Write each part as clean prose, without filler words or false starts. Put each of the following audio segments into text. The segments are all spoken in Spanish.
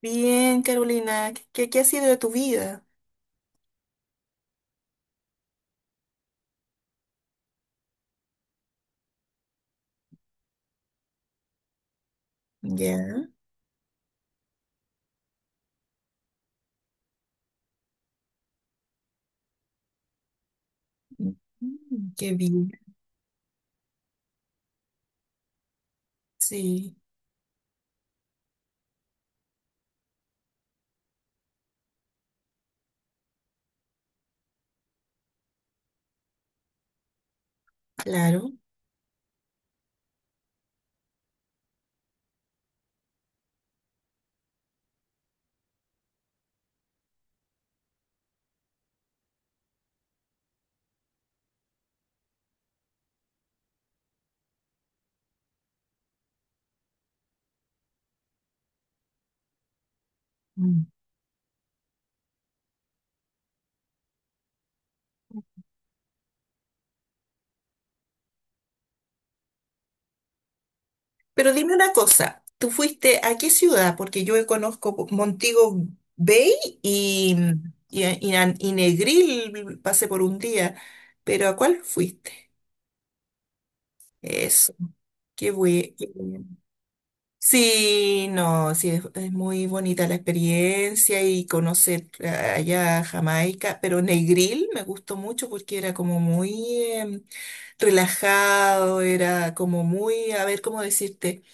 Bien, Carolina, ¿qué ha sido de tu vida? Ya. Mm, qué bien. Sí, claro. Mm. Pero dime una cosa, ¿tú fuiste a qué ciudad? Porque yo conozco Montego Bay y, y Negril, pasé por un día, pero ¿a cuál fuiste? Eso, qué bueno. Sí, no, sí, es muy bonita la experiencia y conocer allá Jamaica, pero Negril me gustó mucho porque era como muy em, relajado, era como muy, a ver, ¿cómo decirte?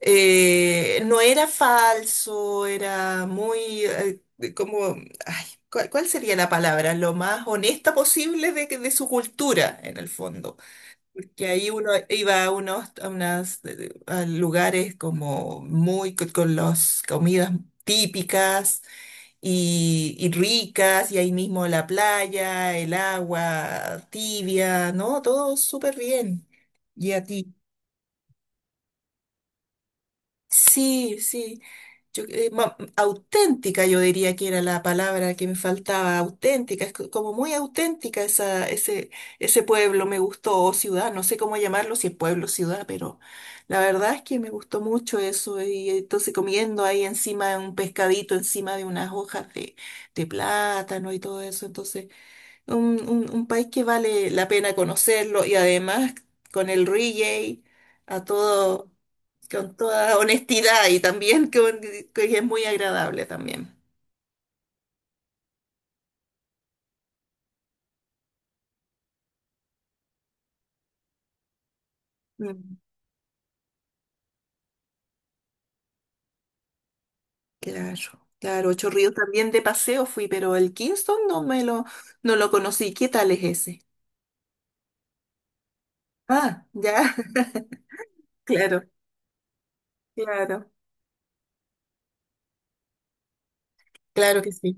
No era falso, era muy, como, ay, ¿cuál sería la palabra? Lo más honesta posible de, de su cultura, en el fondo que ahí uno iba a unos a unas, a lugares como muy con las comidas típicas y ricas, y ahí mismo la playa, el agua tibia, ¿no? Todo súper bien. ¿Y a ti? Sí, sí. Auténtica, yo diría que era la palabra que me faltaba, auténtica, es como muy auténtica ese pueblo, me gustó, o ciudad, no sé cómo llamarlo, si es pueblo, ciudad, pero la verdad es que me gustó mucho eso, y entonces comiendo ahí encima de un pescadito, encima de unas hojas de plátano y todo eso, entonces un país que vale la pena conocerlo, y además con el reggae, a todo con toda honestidad y también que es muy agradable también. Mm. Claro, claro, Ocho Ríos también de paseo fui, pero el Kingston no me lo, no lo conocí. ¿Qué tal es ese? Ah, ya. Claro, claro. Claro que sí.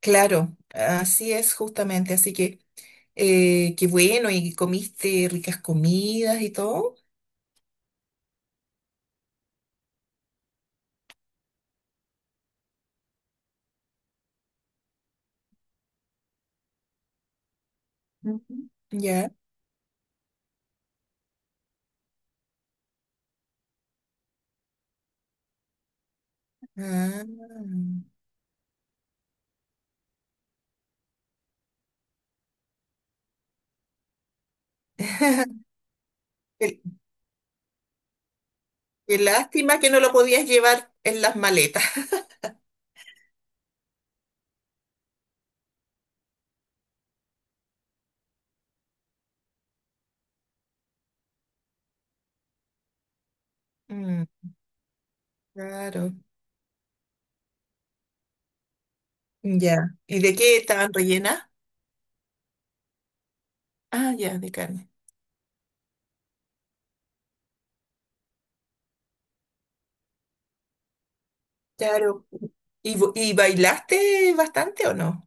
Claro, así es justamente, así que qué bueno, y comiste ricas comidas y todo. Ujú. Ya. Ah. Qué, qué lástima que no lo podías llevar en las maletas. Mm. Claro, ya. ¿Y de qué estaban rellenas? Ah, ya, de carne. Claro. ¿Y, y bailaste bastante o no?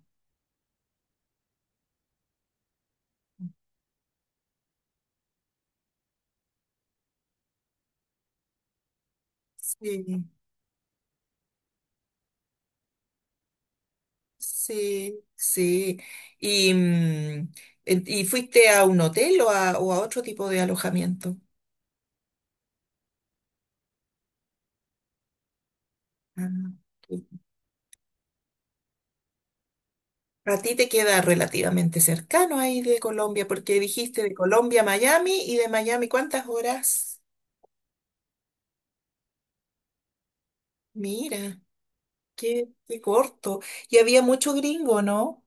Sí, sí, sí. ¿Y, y fuiste a un hotel o a otro tipo de alojamiento? Ah, ok. A ti te queda relativamente cercano ahí de Colombia, porque dijiste de Colombia a Miami y de Miami, ¿cuántas horas? Mira, qué, qué corto. Y había mucho gringo, ¿no?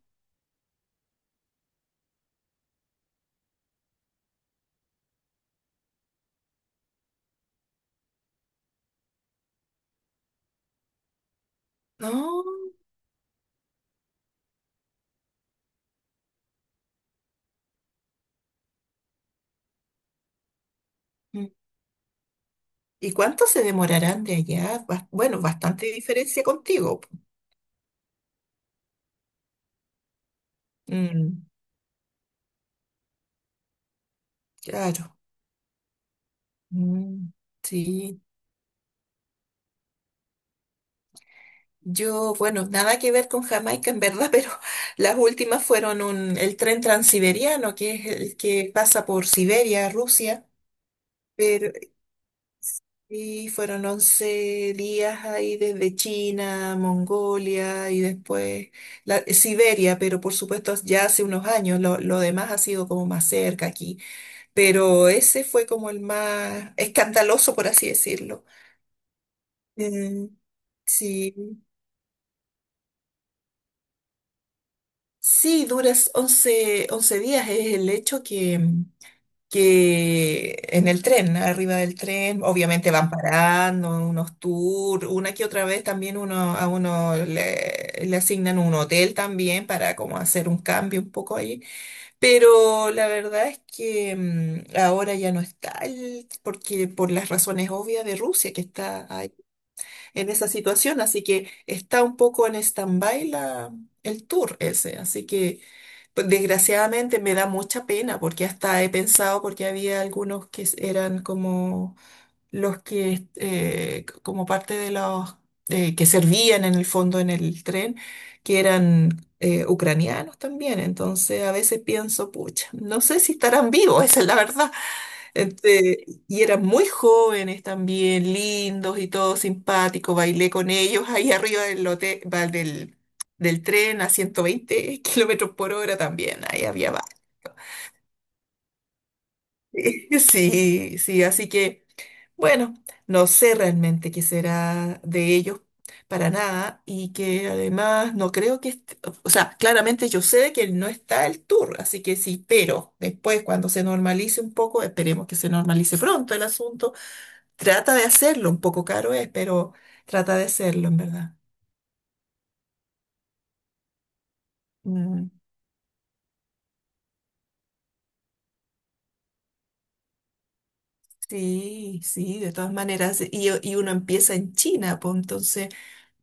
No. ¿Y cuánto se demorarán de allá? Bueno, bastante diferencia contigo, po. Mm, claro. Mm, sí. Yo, bueno, nada que ver con Jamaica en verdad, pero las últimas fueron un, el tren transiberiano, que es el que pasa por Siberia, Rusia, pero, y fueron 11 días ahí desde China, Mongolia y después la, Siberia, pero por supuesto ya hace unos años, lo demás ha sido como más cerca aquí. Pero ese fue como el más escandaloso, por así decirlo. Eh, sí, sí, duras once días, es el hecho que en el tren, arriba del tren, obviamente van parando unos tours, una que otra vez también uno, a uno le, le asignan un hotel también para como hacer un cambio un poco ahí. Pero la verdad es que ahora ya no está, porque por las razones obvias de Rusia, que está en esa situación, así que está un poco en stand-by la, el tour ese, así que pues, desgraciadamente me da mucha pena porque hasta he pensado, porque había algunos que eran como los que, como parte de los que servían en el fondo en el tren, que eran... ucranianos también, entonces a veces pienso, pucha, no sé si estarán vivos, esa es la verdad, este, y eran muy jóvenes también, lindos y todo simpático. Bailé con ellos ahí arriba del, lote, va, del, del tren a 120 kilómetros por hora también. Ahí había sí, sí, así que bueno, no sé realmente qué será de ellos para nada y que además no creo que, o sea, claramente yo sé que no está el tour, así que sí, pero después cuando se normalice un poco, esperemos que se normalice pronto el asunto. Trata de hacerlo, un poco caro es, pero trata de hacerlo, en verdad. Mm, sí, sí, de todas maneras. Y uno empieza en China, pues entonces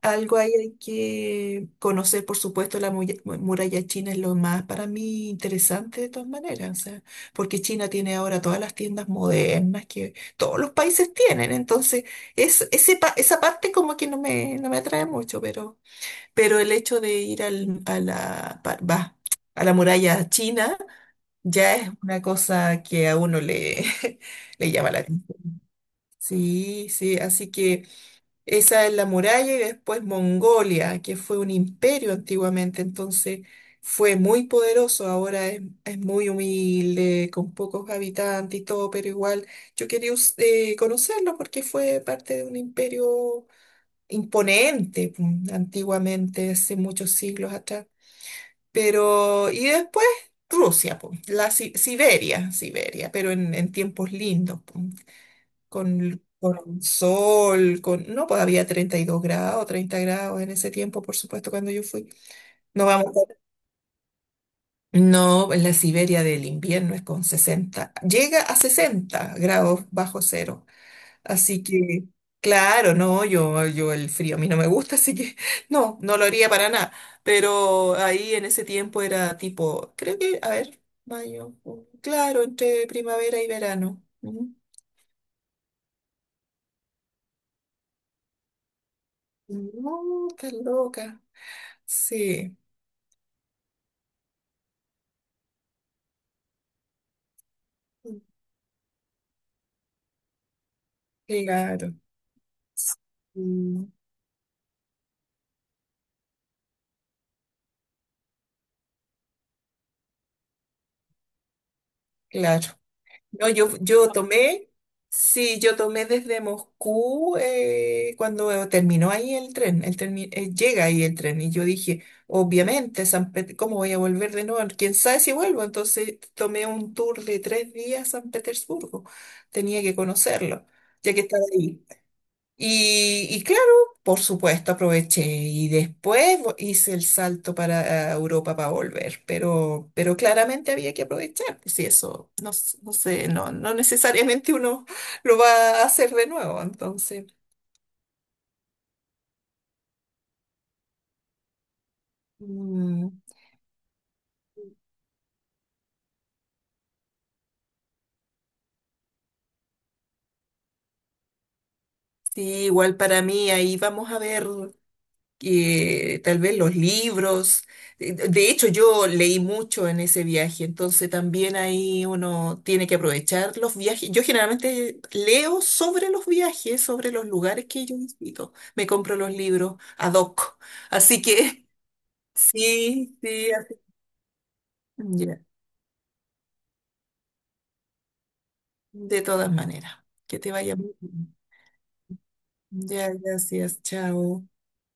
algo ahí hay que conocer, por supuesto, la muralla china es lo más para mí interesante de todas maneras, o sea, porque China tiene ahora todas las tiendas modernas que todos los países tienen, entonces es, ese, esa parte como que no me, no me atrae mucho, pero el hecho de ir al, a la, a la muralla china ya es una cosa que a uno le, le llama la atención. Sí, sí, así que esa es la muralla y después Mongolia, que fue un imperio antiguamente, entonces fue muy poderoso, ahora es muy humilde, con pocos habitantes y todo, pero igual yo quería conocerlo porque fue parte de un imperio imponente, antiguamente, hace muchos siglos atrás. Pero, y después Rusia, po, la Siberia, pero en tiempos lindos, po, con sol, con, no, pues había 32 grados, 30 grados en ese tiempo, por supuesto, cuando yo fui. No vamos, no, en la Siberia del invierno es con 60, llega a 60 grados bajo cero. Así que, claro, no, yo el frío a mí no me gusta, así que no, no lo haría para nada. Pero ahí en ese tiempo era tipo, creo que, a ver, mayo, junio, claro, entre primavera y verano. Ujú. No, estás loca. Sí, claro. Mm. Claro. No, yo tomé, sí, yo tomé desde Moscú cuando terminó ahí el tren, el llega ahí el tren y yo dije, obviamente, ¿cómo voy a volver de nuevo? ¿Quién sabe si vuelvo? Entonces tomé un tour de 3 días a San Petersburgo, tenía que conocerlo, ya que estaba ahí. Y claro, por supuesto, aproveché y después hice el salto para Europa para volver, pero claramente había que aprovechar, pues, si eso no, no sé, no, no necesariamente uno lo va a hacer de nuevo, entonces, mm, sí, igual para mí ahí vamos a ver. Que tal vez los libros. De hecho, yo leí mucho en ese viaje, entonces también ahí uno tiene que aprovechar los viajes. Yo generalmente leo sobre los viajes, sobre los lugares que yo visito. Me compro los libros ad hoc. Así que sí, sí, ya. De todas maneras, que te vaya muy bien. Ya, gracias, chao.